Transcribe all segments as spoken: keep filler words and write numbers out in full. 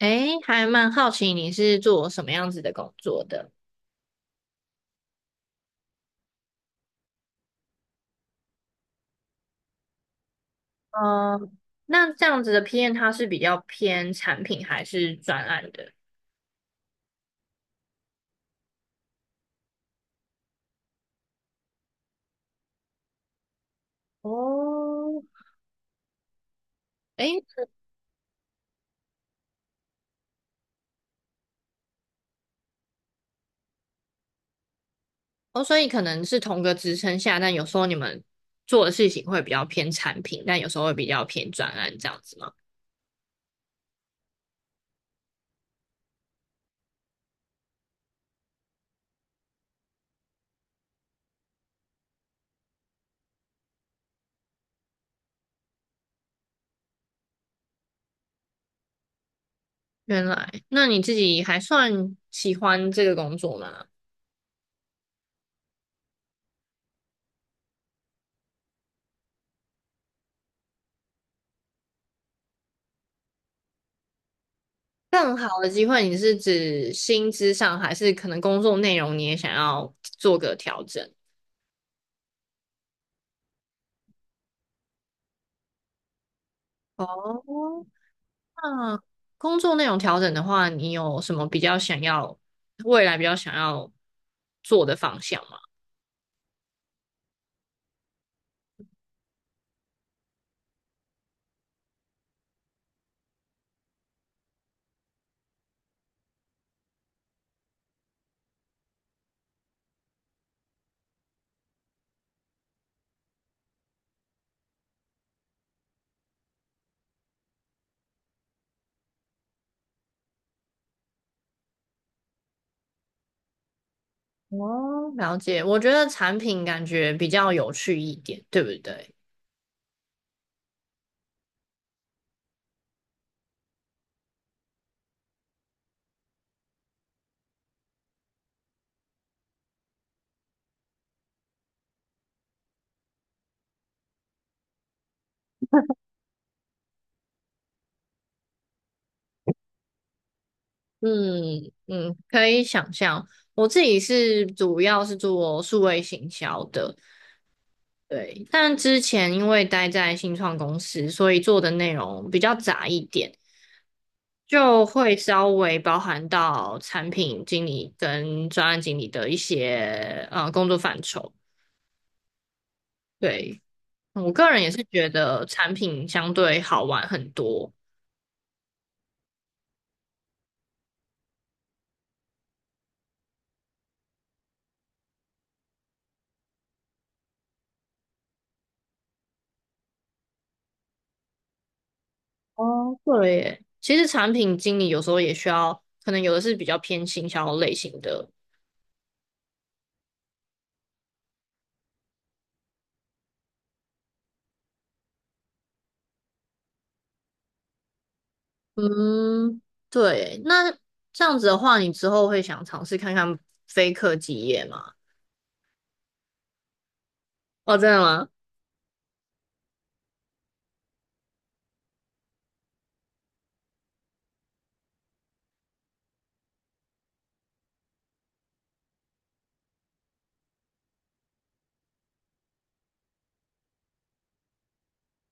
诶，还蛮好奇你是做什么样子的工作的？嗯，那这样子的 P M 它是比较偏产品还是专案的？哦，诶，哦，所以可能是同个职称下，但有时候你们做的事情会比较偏产品，但有时候会比较偏专案这样子吗？原来，那你自己还算喜欢这个工作吗？更好的机会，你是指薪资上，还是可能工作内容你也想要做个调整？哦，那工作内容调整的话，你有什么比较想要，未来比较想要做的方向吗？哦，了解。我觉得产品感觉比较有趣一点，对不对？嗯嗯，可以想象。我自己是主要是做数位行销的，对。但之前因为待在新创公司，所以做的内容比较杂一点。就会稍微包含到产品经理跟专案经理的一些呃工作范畴。对，我个人也是觉得产品相对好玩很多。哦，对耶，其实产品经理有时候也需要，可能有的是比较偏行销类型的。嗯，对。那这样子的话，你之后会想尝试看看非科技业吗？哦，真的吗？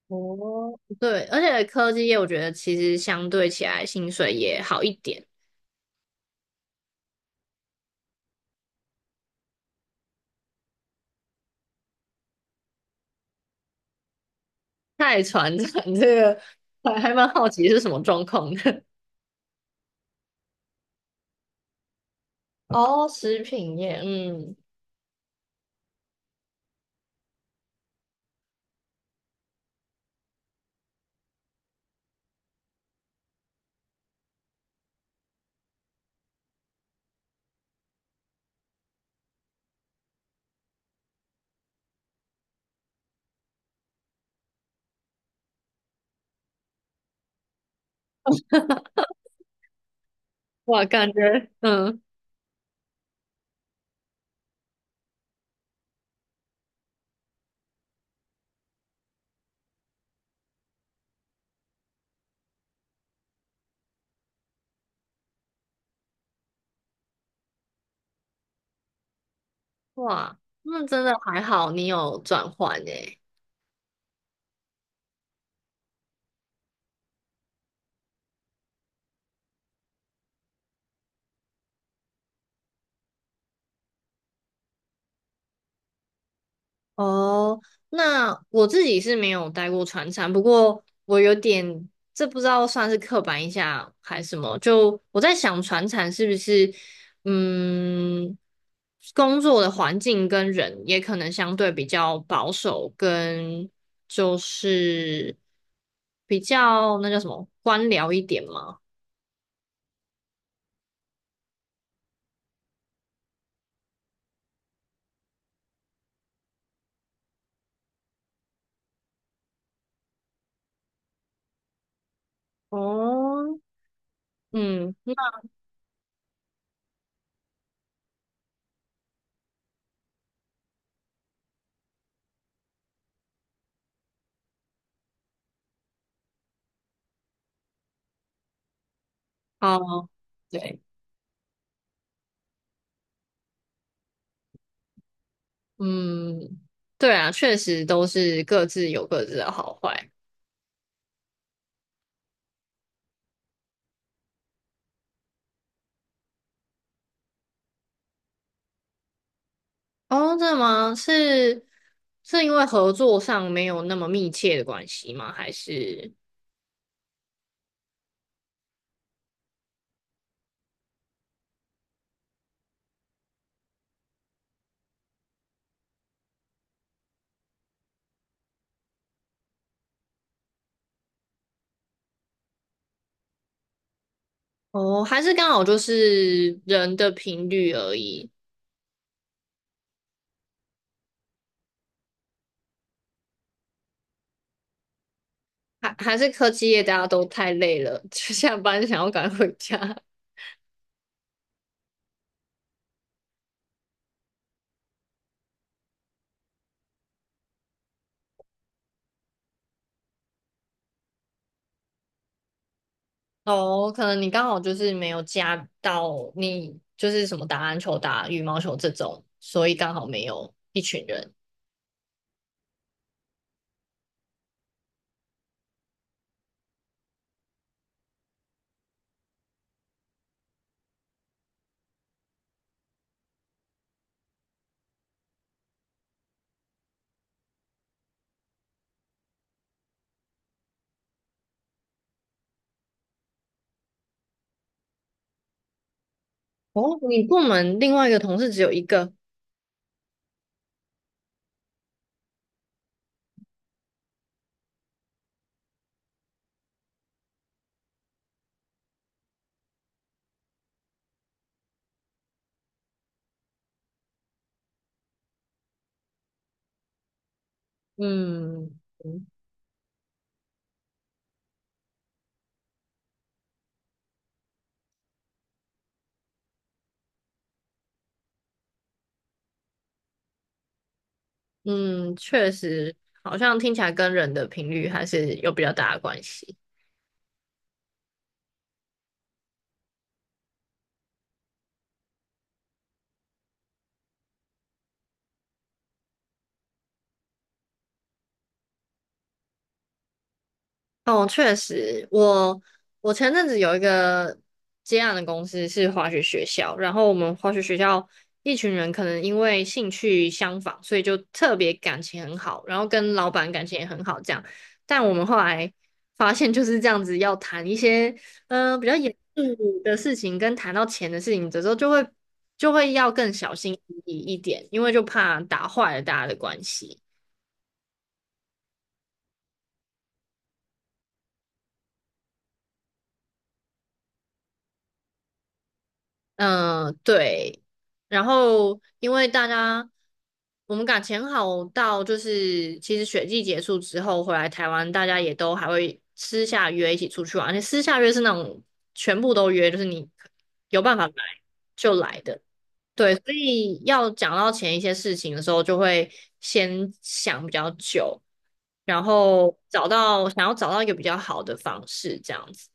哦，对，而且科技业我觉得其实相对起来薪水也好一点。太传产这个还还蛮好奇是什么状况的。哦，食品业，嗯，哇，感觉，嗯，哇，那真的还好，你有转换诶。哦，那我自己是没有待过船厂，不过我有点，这不知道算是刻板印象还是什么，就我在想船厂是不是，嗯，工作的环境跟人也可能相对比较保守，跟就是比较那叫什么官僚一点嘛。哦，嗯，那哦，对，嗯，对啊，确实都是各自有各自的好坏。哦，真的吗？是是因为合作上没有那么密切的关系吗？还是哦，还是刚好就是人的频率而已？还还是科技业大家都太累了，就下班想要赶快回家。哦，可能你刚好就是没有加到你就是什么打篮球、打羽毛球这种，所以刚好没有一群人。哦，你部门另外一个同事只有一个，嗯。嗯，确实，好像听起来跟人的频率还是有比较大的关系。哦，确实，我我前阵子有一个接案的公司是滑雪学校，然后我们滑雪学校一群人可能因为兴趣相仿，所以就特别感情很好，然后跟老板感情也很好这样。但我们后来发现就是这样子，要谈一些嗯、呃比较严肃的事情，跟谈到钱的事情的时候，就会就会要更小心翼翼一点，因为就怕打坏了大家的关系。嗯，对。然后因为大家我们感情好到，就是其实雪季结束之后回来台湾，大家也都还会私下约一起出去玩，而且私下约是那种全部都约，就是你有办法来就来的。对，所以要讲到前一些事情的时候，就会先想比较久，然后找到想要找到一个比较好的方式，这样子。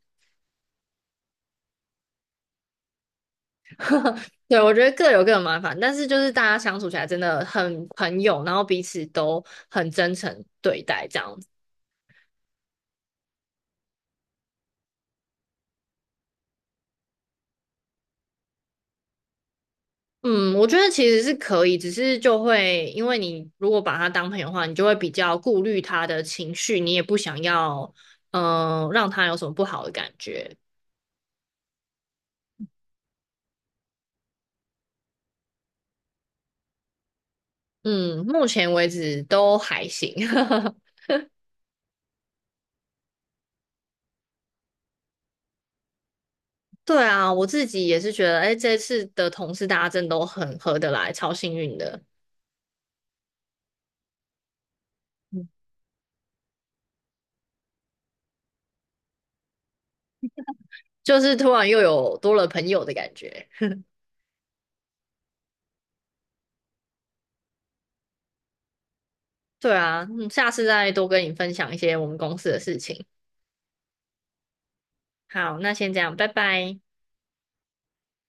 对，我觉得各有各的麻烦，但是就是大家相处起来真的很朋友，然后彼此都很真诚对待这样子。嗯，我觉得其实是可以，只是就会因为你如果把他当朋友的话，你就会比较顾虑他的情绪，你也不想要嗯、呃让他有什么不好的感觉。嗯，目前为止都还行。对啊，我自己也是觉得，哎，这次的同事大家真的都很合得来，超幸运的，嗯就是突然又有多了朋友的感觉。对啊，嗯，下次再多跟你分享一些我们公司的事情。好，那先这样，拜拜。